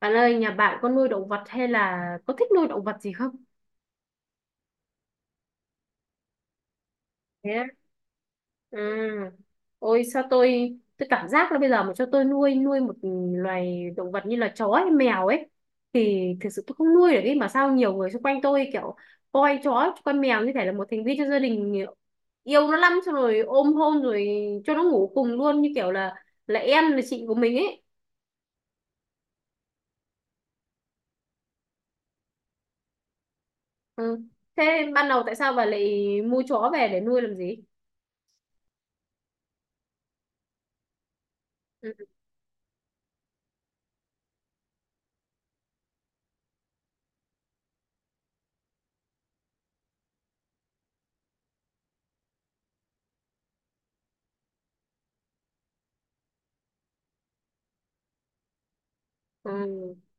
Bạn ơi, nhà bạn có nuôi động vật hay là có thích nuôi động vật gì không? Thế á? Ừ. Ôi, sao tôi cảm giác là bây giờ mà cho tôi nuôi nuôi một loài động vật như là chó hay mèo ấy thì thực sự tôi không nuôi được ấy, mà sao nhiều người xung quanh tôi kiểu coi chó coi mèo như thể là một thành viên trong gia đình, yêu nó lắm, xong rồi ôm hôn rồi cho nó ngủ cùng luôn, như kiểu là em là chị của mình ấy. Ừ. Thế ban đầu tại sao bà lại mua chó về để nuôi làm gì? Ừ. À,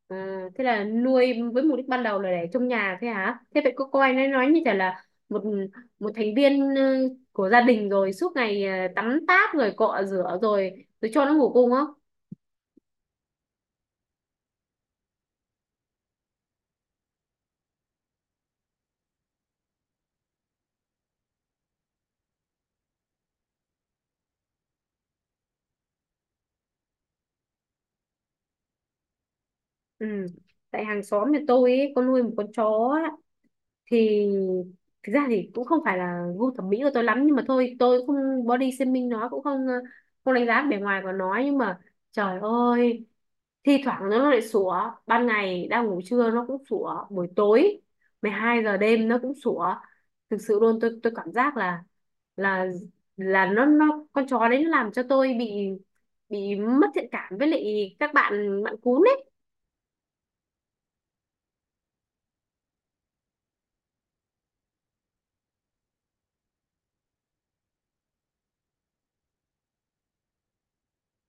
à, thế là nuôi với mục đích ban đầu là để trong nhà thế hả? Thế vậy cô coi nó nói như chả là một một thành viên của gia đình, rồi suốt ngày tắm táp rồi cọ rửa rồi rồi cho nó ngủ cùng không? Ừ. Tại hàng xóm nhà tôi ấy, có nuôi một con chó, thì thực ra thì cũng không phải là gu thẩm mỹ của tôi lắm, nhưng mà thôi tôi cũng không body shaming nó, cũng không đánh giá bề ngoài của nó, nhưng mà trời ơi, thi thoảng nó lại sủa, ban ngày đang ngủ trưa nó cũng sủa, buổi tối 12 giờ đêm nó cũng sủa. Thực sự luôn, tôi cảm giác là là nó con chó đấy nó làm cho tôi bị mất thiện cảm với lại các bạn bạn cún ấy.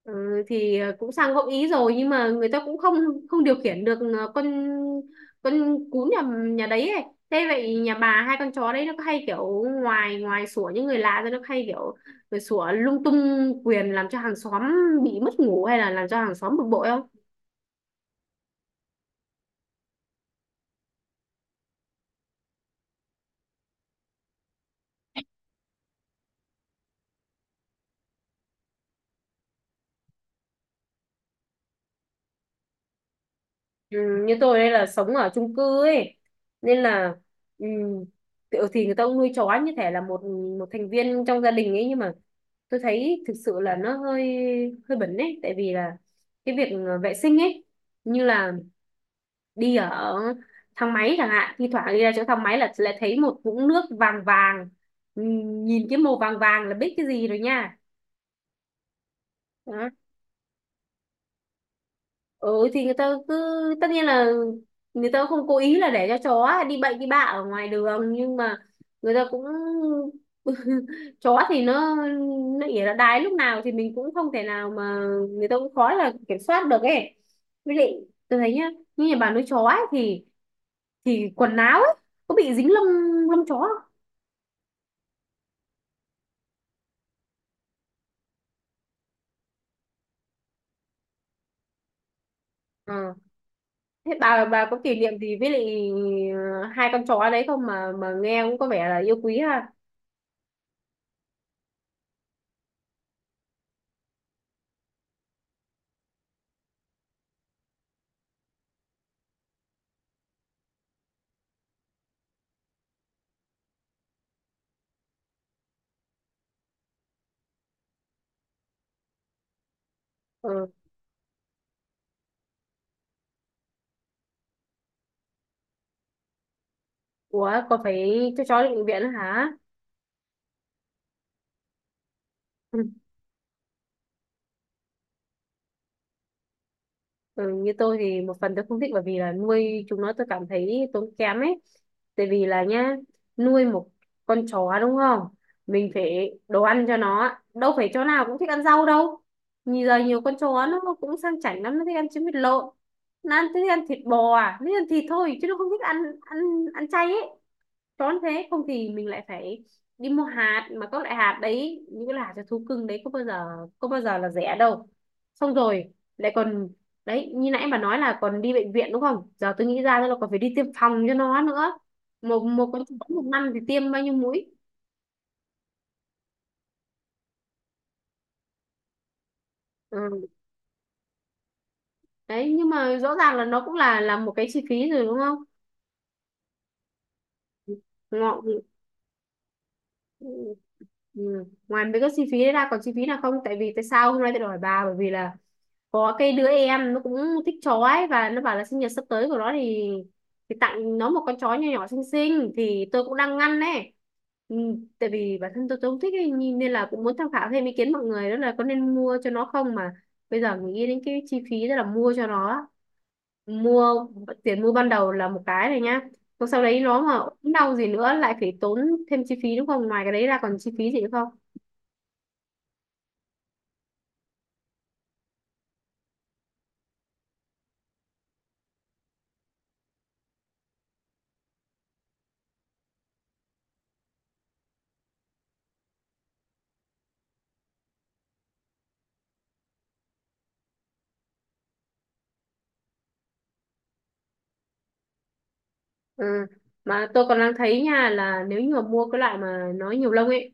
Ừ, thì cũng sang gợi ý rồi, nhưng mà người ta cũng không không điều khiển được con cún nhà nhà đấy ấy. Thế vậy nhà bà hai con chó đấy nó có hay kiểu ngoài ngoài sủa những người lạ ra, nó có hay kiểu rồi sủa lung tung quyền làm cho hàng xóm bị mất ngủ hay là làm cho hàng xóm bực bội không? Ừ, như tôi đây là sống ở chung cư ấy, nên là ừ, kiểu thì người ta cũng nuôi chó như thể là một một thành viên trong gia đình ấy, nhưng mà tôi thấy thực sự là nó hơi hơi bẩn ấy, tại vì là cái việc vệ sinh ấy, như là đi ở thang máy chẳng hạn, thi thoảng đi ra chỗ thang máy là lại thấy một vũng nước vàng vàng. Ừ, nhìn cái màu vàng vàng là biết cái gì rồi nha. Ừ, thì người ta cứ, tất nhiên là người ta không cố ý là để cho chó đi bậy đi bạ ở ngoài đường, nhưng mà người ta cũng chó thì nó ỉa nó đái lúc nào thì mình cũng không thể nào mà, người ta cũng khó là kiểm soát được ấy. Với lại tôi thấy nhá, như nhà bà nuôi chó ấy, thì quần áo ấy có bị dính lông, chó không? Ờ. Thế bà có kỷ niệm gì với lại hai con chó đấy không, mà nghe cũng có vẻ là yêu quý ha? Ờ. Ủa, có phải cho chó đi bệnh viện nữa hả? Ừ. Ừ, như tôi thì một phần tôi không thích, bởi vì là nuôi chúng nó tôi cảm thấy tốn kém ấy. Tại vì là nhá, nuôi một con chó đúng không? Mình phải đồ ăn cho nó. Đâu phải chó nào cũng thích ăn rau đâu. Nhìn giờ nhiều con chó nó cũng sang chảnh lắm, nó thích ăn trứng vịt lộn. Nó ăn, thích ăn thịt bò, à nó thích ăn thịt thôi, chứ nó không thích ăn ăn ăn chay ấy. Tốn thế, không thì mình lại phải đi mua hạt, mà các loại hạt đấy, những cái loại hạt cho thú cưng đấy có bao giờ là rẻ đâu. Xong rồi lại còn đấy, như nãy bà nói là còn đi bệnh viện đúng không, giờ tôi nghĩ ra là còn phải đi tiêm phòng cho nó nữa. Một một con chó một năm thì tiêm bao nhiêu mũi? Ừ. Đấy, nhưng mà rõ ràng là nó cũng là một cái chi phí rồi đúng không? Ngọ. Ừ. Ngoài mấy cái chi phí đấy ra còn chi phí nào không? Tại vì tại sao hôm nay tôi hỏi bà, bởi vì là có cái đứa em nó cũng thích chó ấy, và nó bảo là sinh nhật sắp tới của nó thì tặng nó một con chó nhỏ nhỏ xinh xinh, thì tôi cũng đang ngăn ấy. Ừ, tại vì bản thân tôi không thích ấy, nhìn, nên là cũng muốn tham khảo thêm ý kiến mọi người đó là có nên mua cho nó không, mà bây giờ nghĩ đến cái chi phí đó là mua cho nó, mua tiền mua ban đầu là một cái này nhá, còn sau đấy nó mà ốm đau gì nữa lại phải tốn thêm chi phí đúng không? Ngoài cái đấy ra còn chi phí gì nữa không? Ừ. Mà tôi còn đang thấy nha, là nếu như mà mua cái loại mà nó nhiều lông ấy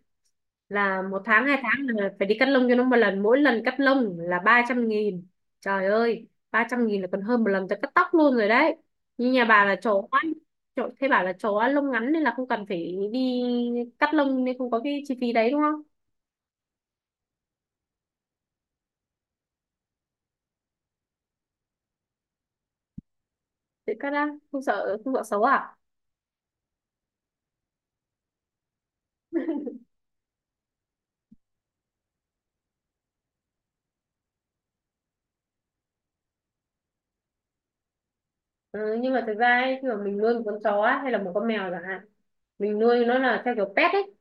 là một tháng hai tháng là phải đi cắt lông cho nó một lần, mỗi lần cắt lông là 300.000. Trời ơi, 300.000 là còn hơn một lần tôi cắt tóc luôn rồi đấy. Như nhà bà là chó chó thế bảo là chó lông ngắn nên là không cần phải đi cắt lông, nên không có cái chi phí đấy đúng không? Tự cắt ra không sợ xấu à? Ừ, nhưng mà thực ra ấy, khi mà mình nuôi một con chó hay là một con mèo chẳng hạn, mình nuôi nó là theo kiểu pet ấy,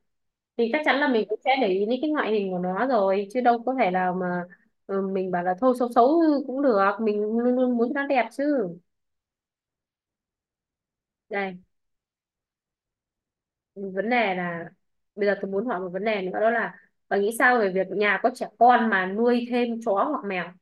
thì chắc chắn là mình cũng sẽ để ý đến cái ngoại hình của nó rồi, chứ đâu có thể là mà ừ, mình bảo là thôi xấu xấu cũng được, mình luôn luôn muốn cho nó đẹp chứ. Đây, vấn đề là bây giờ tôi muốn hỏi một vấn đề nữa, đó là bà nghĩ sao về việc nhà có trẻ con mà nuôi thêm chó hoặc mèo?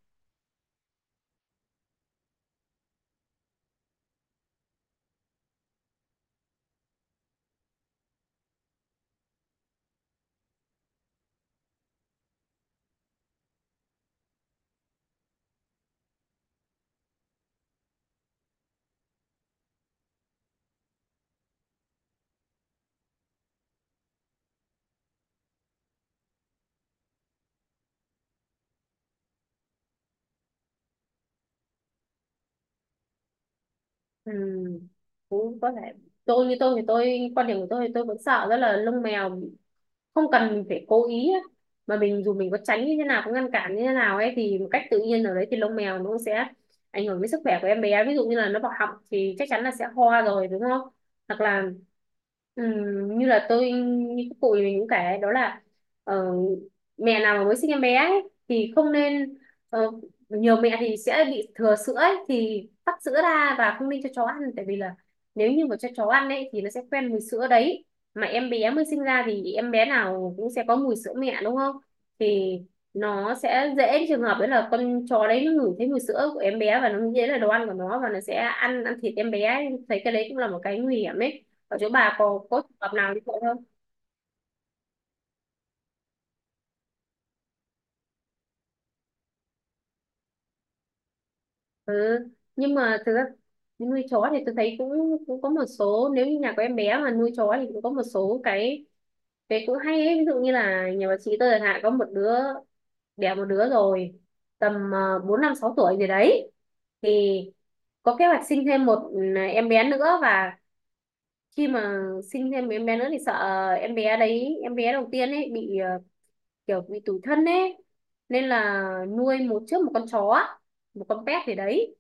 Ừ, cũng có thể. Tôi, như tôi thì quan điểm của tôi thì tôi vẫn sợ rất là lông mèo, không cần mình phải cố ý á. Mà mình dù mình có tránh như thế nào, có ngăn cản như thế nào ấy, thì một cách tự nhiên ở đấy thì lông mèo nó cũng sẽ ảnh hưởng đến sức khỏe của em bé, ví dụ như là nó vào họng thì chắc chắn là sẽ ho rồi đúng không? Hoặc là như là tôi như các cụ mình cũng kể đó là ờ, mẹ nào mà mới sinh em bé ấy, thì không nên, ờ, nhiều mẹ thì sẽ bị thừa sữa ấy, thì tắt sữa ra và không nên cho chó ăn, tại vì là nếu như mà cho chó ăn ấy thì nó sẽ quen mùi sữa đấy, mà em bé mới sinh ra thì em bé nào cũng sẽ có mùi sữa mẹ đúng không, thì nó sẽ dễ trường hợp đấy là con chó đấy nó ngửi thấy mùi sữa của em bé và nó dễ là đồ ăn của nó và nó sẽ ăn ăn thịt em bé ấy. Thấy cái đấy cũng là một cái nguy hiểm ấy, ở chỗ bà có trường hợp nào như vậy không? Ừ. Nhưng mà thực ra nuôi chó thì tôi thấy cũng cũng có một số, nếu như nhà có em bé mà nuôi chó thì cũng có một số cái cũng hay ấy. Ví dụ như là nhà bà chị tôi chẳng hạn, có một đứa, đẻ một đứa rồi tầm bốn năm sáu tuổi gì đấy, thì có kế hoạch sinh thêm một, ừ, em bé nữa. Và khi mà sinh thêm em bé nữa thì sợ em bé đấy, em bé đầu tiên ấy, bị kiểu bị tủi thân ấy, nên là nuôi một trước một con chó một con pet gì đấy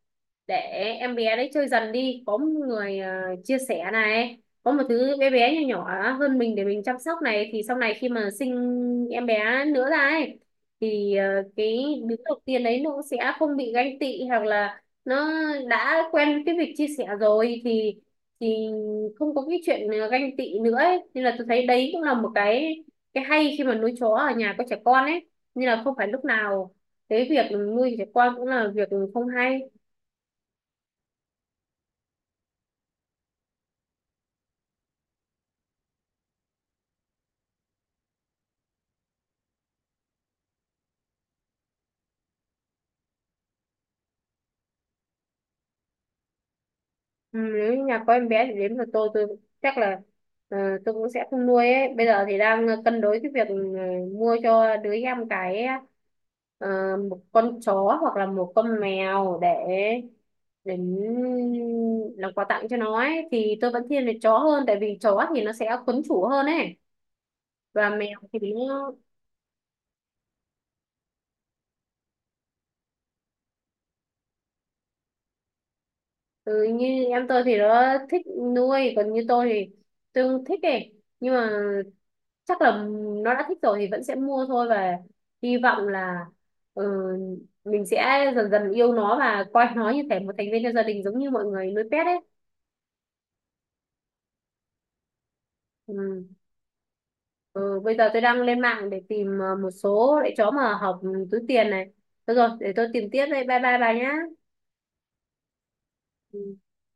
để em bé đấy chơi dần đi, có một người chia sẻ này, có một thứ bé bé nhỏ nhỏ hơn mình để mình chăm sóc này, thì sau này khi mà sinh em bé nữa ra ấy thì cái đứa đầu tiên đấy nó cũng sẽ không bị ganh tị, hoặc là nó đã quen cái việc chia sẻ rồi thì thì không có cái chuyện ganh tị nữa ấy. Nên là tôi thấy đấy cũng là một cái hay khi mà nuôi chó ở nhà có trẻ con ấy, nên là không phải lúc nào cái việc nuôi trẻ con cũng là việc không hay. Ừ, nếu như nhà có em bé thì đến lượt tôi chắc là ờ, tôi cũng sẽ không nuôi ấy. Bây giờ thì đang cân đối cái việc mua cho đứa em cái ờ, một con chó hoặc là một con mèo để để làm quà tặng cho nó ấy, thì tôi vẫn thiên về chó hơn, tại vì chó thì nó sẽ quấn chủ hơn ấy, và mèo thì nó. Ừ, như em tôi thì nó thích nuôi, còn như tôi thì tôi không thích ấy, nhưng mà chắc là nó đã thích rồi thì vẫn sẽ mua thôi, và hy vọng là ừ, mình sẽ dần dần yêu nó và coi nó như thể một thành viên trong gia đình giống như mọi người nuôi pet ấy. Ừ. Ừ, bây giờ tôi đang lên mạng để tìm một số loại chó mà hợp túi tiền này. Được rồi, để tôi tìm tiếp đây, bye bye bà nhá. Ừ.